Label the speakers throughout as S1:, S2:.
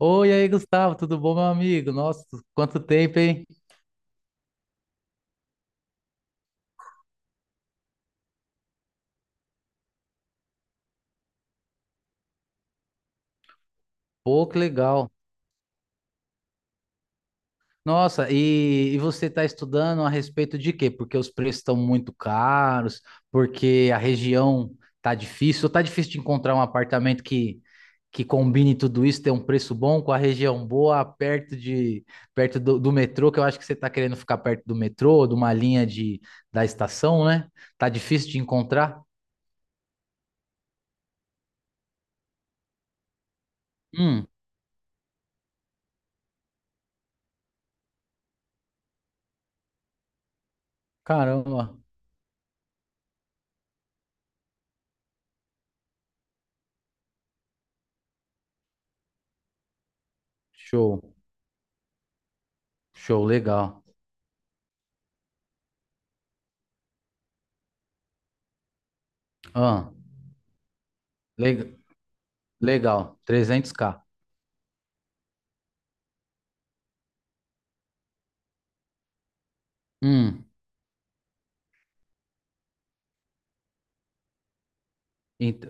S1: Oi, aí, Gustavo, tudo bom, meu amigo? Nossa, quanto tempo, hein? Pô, que legal. Nossa, e você está estudando a respeito de quê? Porque os preços estão muito caros, porque a região tá difícil, ou tá difícil de encontrar um apartamento que combine tudo isso, ter um preço bom, com a região boa, perto do metrô, que eu acho que você está querendo ficar perto do metrô, de uma linha de, da estação, né? Tá difícil de encontrar? Hum, caramba, show, show, legal. Ah, le- Legal, 300k. Hum, ent-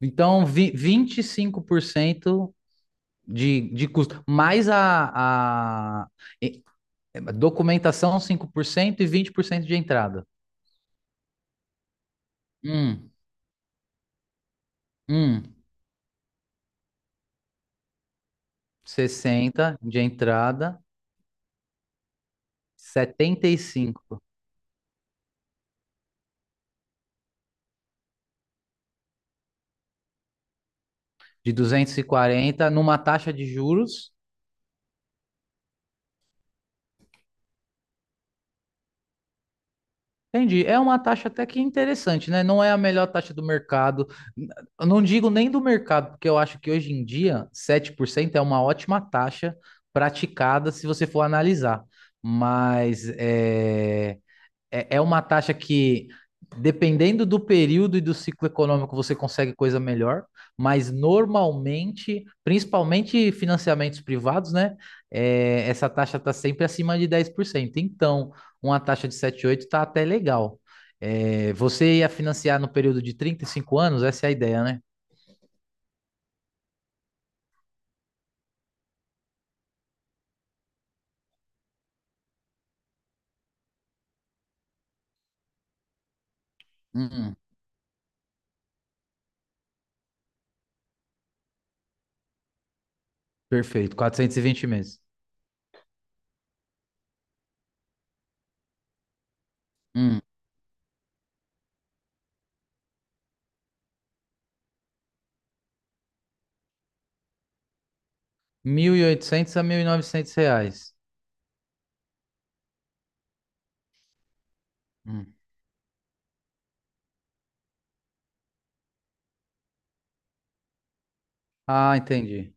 S1: então, 25% de custo, mais a e- documentação, 5% e 20% de entrada. Hum, hum, 60 de entrada, setenta e cinco, de 240 numa taxa de juros. Entendi. É uma taxa até que interessante, né? Não é a melhor taxa do mercado. Eu não digo nem do mercado, porque eu acho que hoje em dia 7% é uma ótima taxa praticada se você for analisar. Mas é uma taxa que, dependendo do período e do ciclo econômico, você consegue coisa melhor, mas normalmente, principalmente financiamentos privados, né? É, essa taxa está sempre acima de 10%. Então, uma taxa de 7,8 está até legal. É, você ia financiar no período de 35 anos, essa é a ideia, né? Hum, perfeito, 420 meses. Hum, 1.800 a R$ 1.900. Hum. Ah, entendi.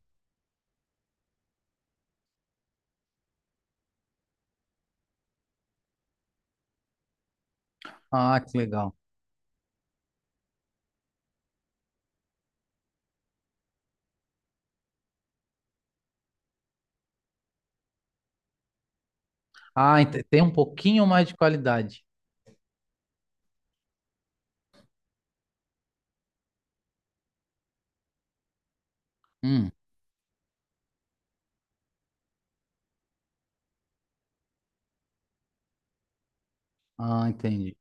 S1: Ah, que legal. Ah, tem um pouquinho mais de qualidade. Hum. Ah, entendi.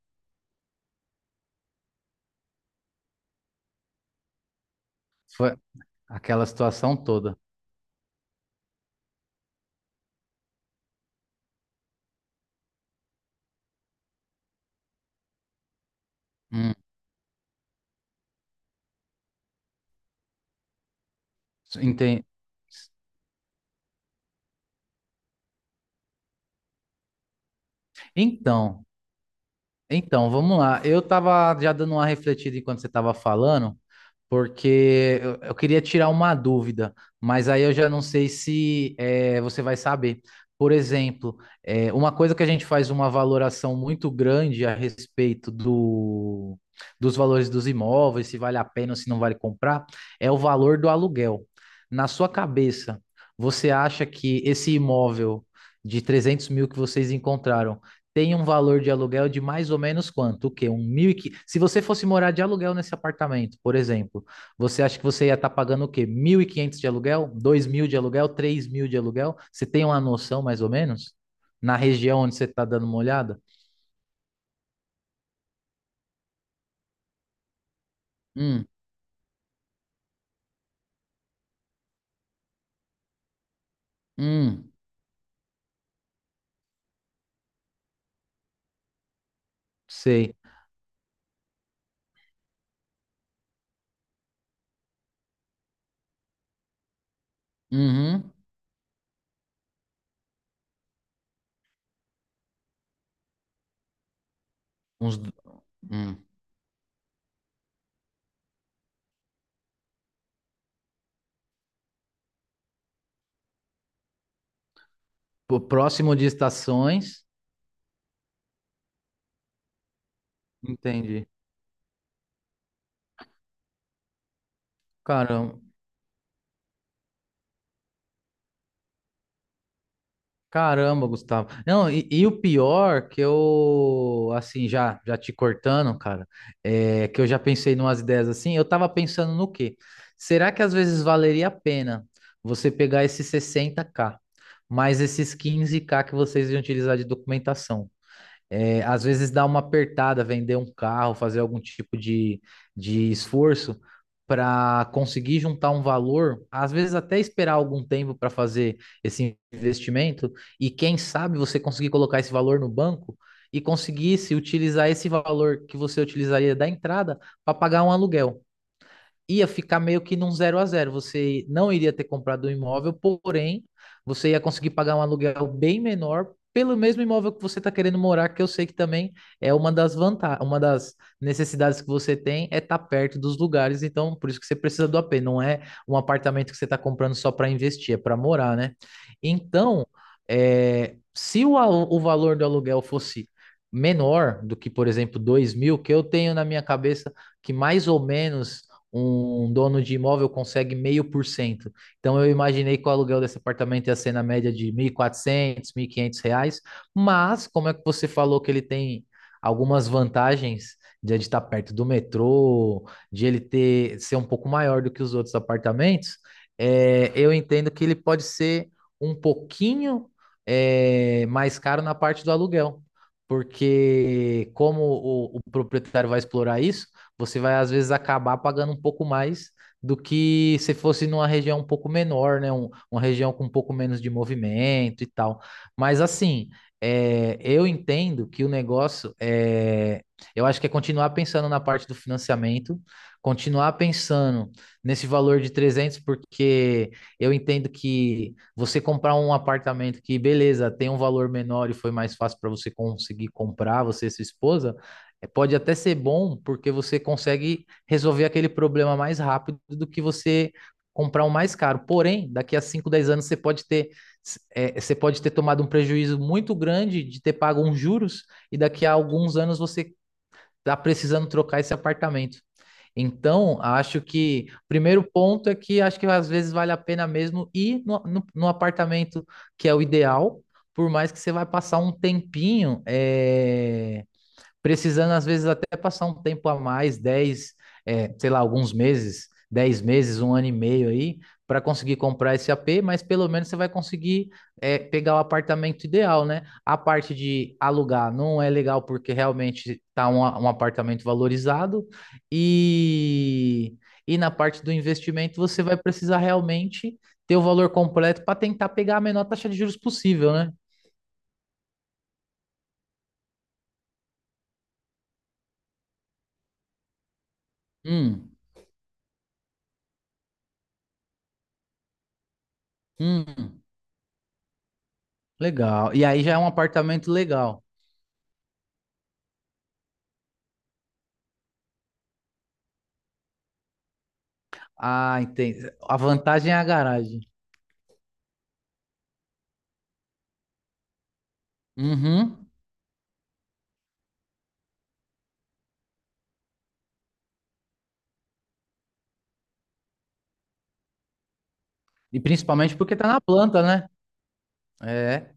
S1: Foi aquela situação toda. Hum. Entendi. Então, então, vamos lá. Eu tava já dando uma refletida enquanto você tava falando, porque eu queria tirar uma dúvida, mas aí eu já não sei se você vai saber. Por exemplo, é, uma coisa que a gente faz uma valoração muito grande a respeito dos valores dos imóveis, se vale a pena ou se não vale comprar, é o valor do aluguel. Na sua cabeça, você acha que esse imóvel de 300 mil que vocês encontraram tem um valor de aluguel de mais ou menos quanto? O quê? Um mil e... Se você fosse morar de aluguel nesse apartamento, por exemplo, você acha que você ia estar pagando o quê? 1.500 de aluguel? 2 mil de aluguel? 3 mil de aluguel? Você tem uma noção, mais ou menos? Na região onde você está dando uma olhada? Hum, hum, sei. Uhum. Uns, hum. Pô, próximo de estações. Entendi. Cara, caramba, Gustavo. Não, e o pior que eu, assim, já te cortando, cara, é que eu já pensei numas ideias assim. Eu tava pensando no quê? Será que às vezes valeria a pena você pegar esses 60k mais esses 15k que vocês iam utilizar de documentação? É, às vezes dá uma apertada, vender um carro, fazer algum tipo de esforço para conseguir juntar um valor, às vezes até esperar algum tempo para fazer esse investimento, e quem sabe você conseguir colocar esse valor no banco e conseguisse utilizar esse valor que você utilizaria da entrada para pagar um aluguel, ia ficar meio que num zero a zero. Você não iria ter comprado o imóvel, porém, você ia conseguir pagar um aluguel bem menor pelo mesmo imóvel que você está querendo morar, que eu sei que também é uma das vantagens, uma das necessidades que você tem é estar tá perto dos lugares, então por isso que você precisa do AP, não é um apartamento que você está comprando só para investir, é para morar, né? Então, é, se o valor do aluguel fosse menor do que, por exemplo, 2 mil, que eu tenho na minha cabeça que mais ou menos um dono de imóvel consegue meio por cento. Então eu imaginei que o aluguel desse apartamento ia ser na média de 1.400, quinhentos reais, mas como é que você falou que ele tem algumas vantagens de ele estar perto do metrô, de ele ter ser um pouco maior do que os outros apartamentos, é, eu entendo que ele pode ser um pouquinho é, mais caro na parte do aluguel, porque como o proprietário vai explorar isso, você vai às vezes acabar pagando um pouco mais do que se fosse numa região um pouco menor, né? Uma região com um pouco menos de movimento e tal. Mas assim, é, eu entendo que o negócio é, eu acho que é continuar pensando na parte do financiamento, continuar pensando nesse valor de 300, porque eu entendo que você comprar um apartamento que, beleza, tem um valor menor e foi mais fácil para você conseguir comprar, você e sua esposa, é, pode até ser bom porque você consegue resolver aquele problema mais rápido do que você comprar um mais caro. Porém, daqui a 5, 10 anos você pode ter é, você pode ter tomado um prejuízo muito grande de ter pago uns juros e daqui a alguns anos você está precisando trocar esse apartamento. Então, acho que o primeiro ponto é que acho que às vezes vale a pena mesmo ir no apartamento que é o ideal, por mais que você vai passar um tempinho, é, precisando às vezes até passar um tempo a mais, sei lá, alguns meses, 10 meses, um ano e meio aí, para conseguir comprar esse AP, mas pelo menos você vai conseguir é, pegar o apartamento ideal, né? A parte de alugar não é legal porque realmente está um apartamento valorizado e, e na parte do investimento você vai precisar realmente ter o valor completo para tentar pegar a menor taxa de juros possível, né? Hum, hum. Legal. E aí já é um apartamento legal. Ah, entendi. A vantagem é a garagem. Uhum. E principalmente porque tá na planta, né? É,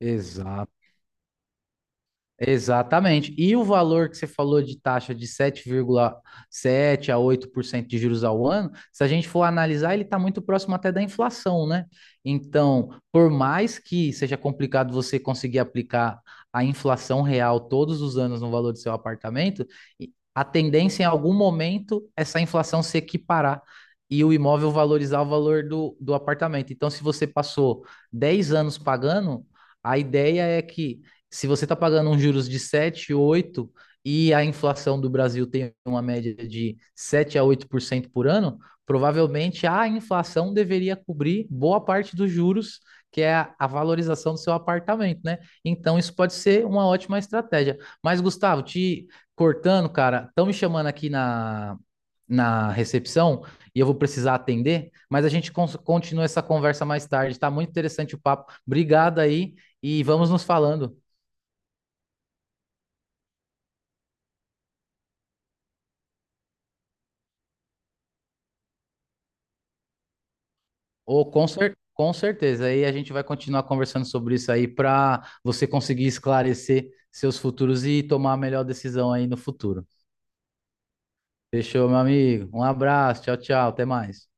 S1: exato. Exatamente. E o valor que você falou de taxa de sete vírgula 7 a 8% de juros ao ano, se a gente for analisar, ele está muito próximo até da inflação, né? Então, por mais que seja complicado você conseguir aplicar a inflação real todos os anos no valor do seu apartamento, a tendência em algum momento essa inflação se equiparar e o imóvel valorizar o valor do apartamento. Então, se você passou 10 anos pagando, a ideia é que se você está pagando uns juros de 7 8 e a inflação do Brasil tem uma média de 7 a 8% por ano, provavelmente a inflação deveria cobrir boa parte dos juros, que é a valorização do seu apartamento, né? Então isso pode ser uma ótima estratégia. Mas Gustavo, te cortando, cara, estão me chamando aqui na recepção e eu vou precisar atender, mas a gente continua essa conversa mais tarde. Tá muito interessante o papo. Obrigado aí e vamos nos falando. Ou com com certeza. Aí a gente vai continuar conversando sobre isso aí para você conseguir esclarecer seus futuros e tomar a melhor decisão aí no futuro. Fechou, meu amigo? Um abraço, tchau, tchau, até mais.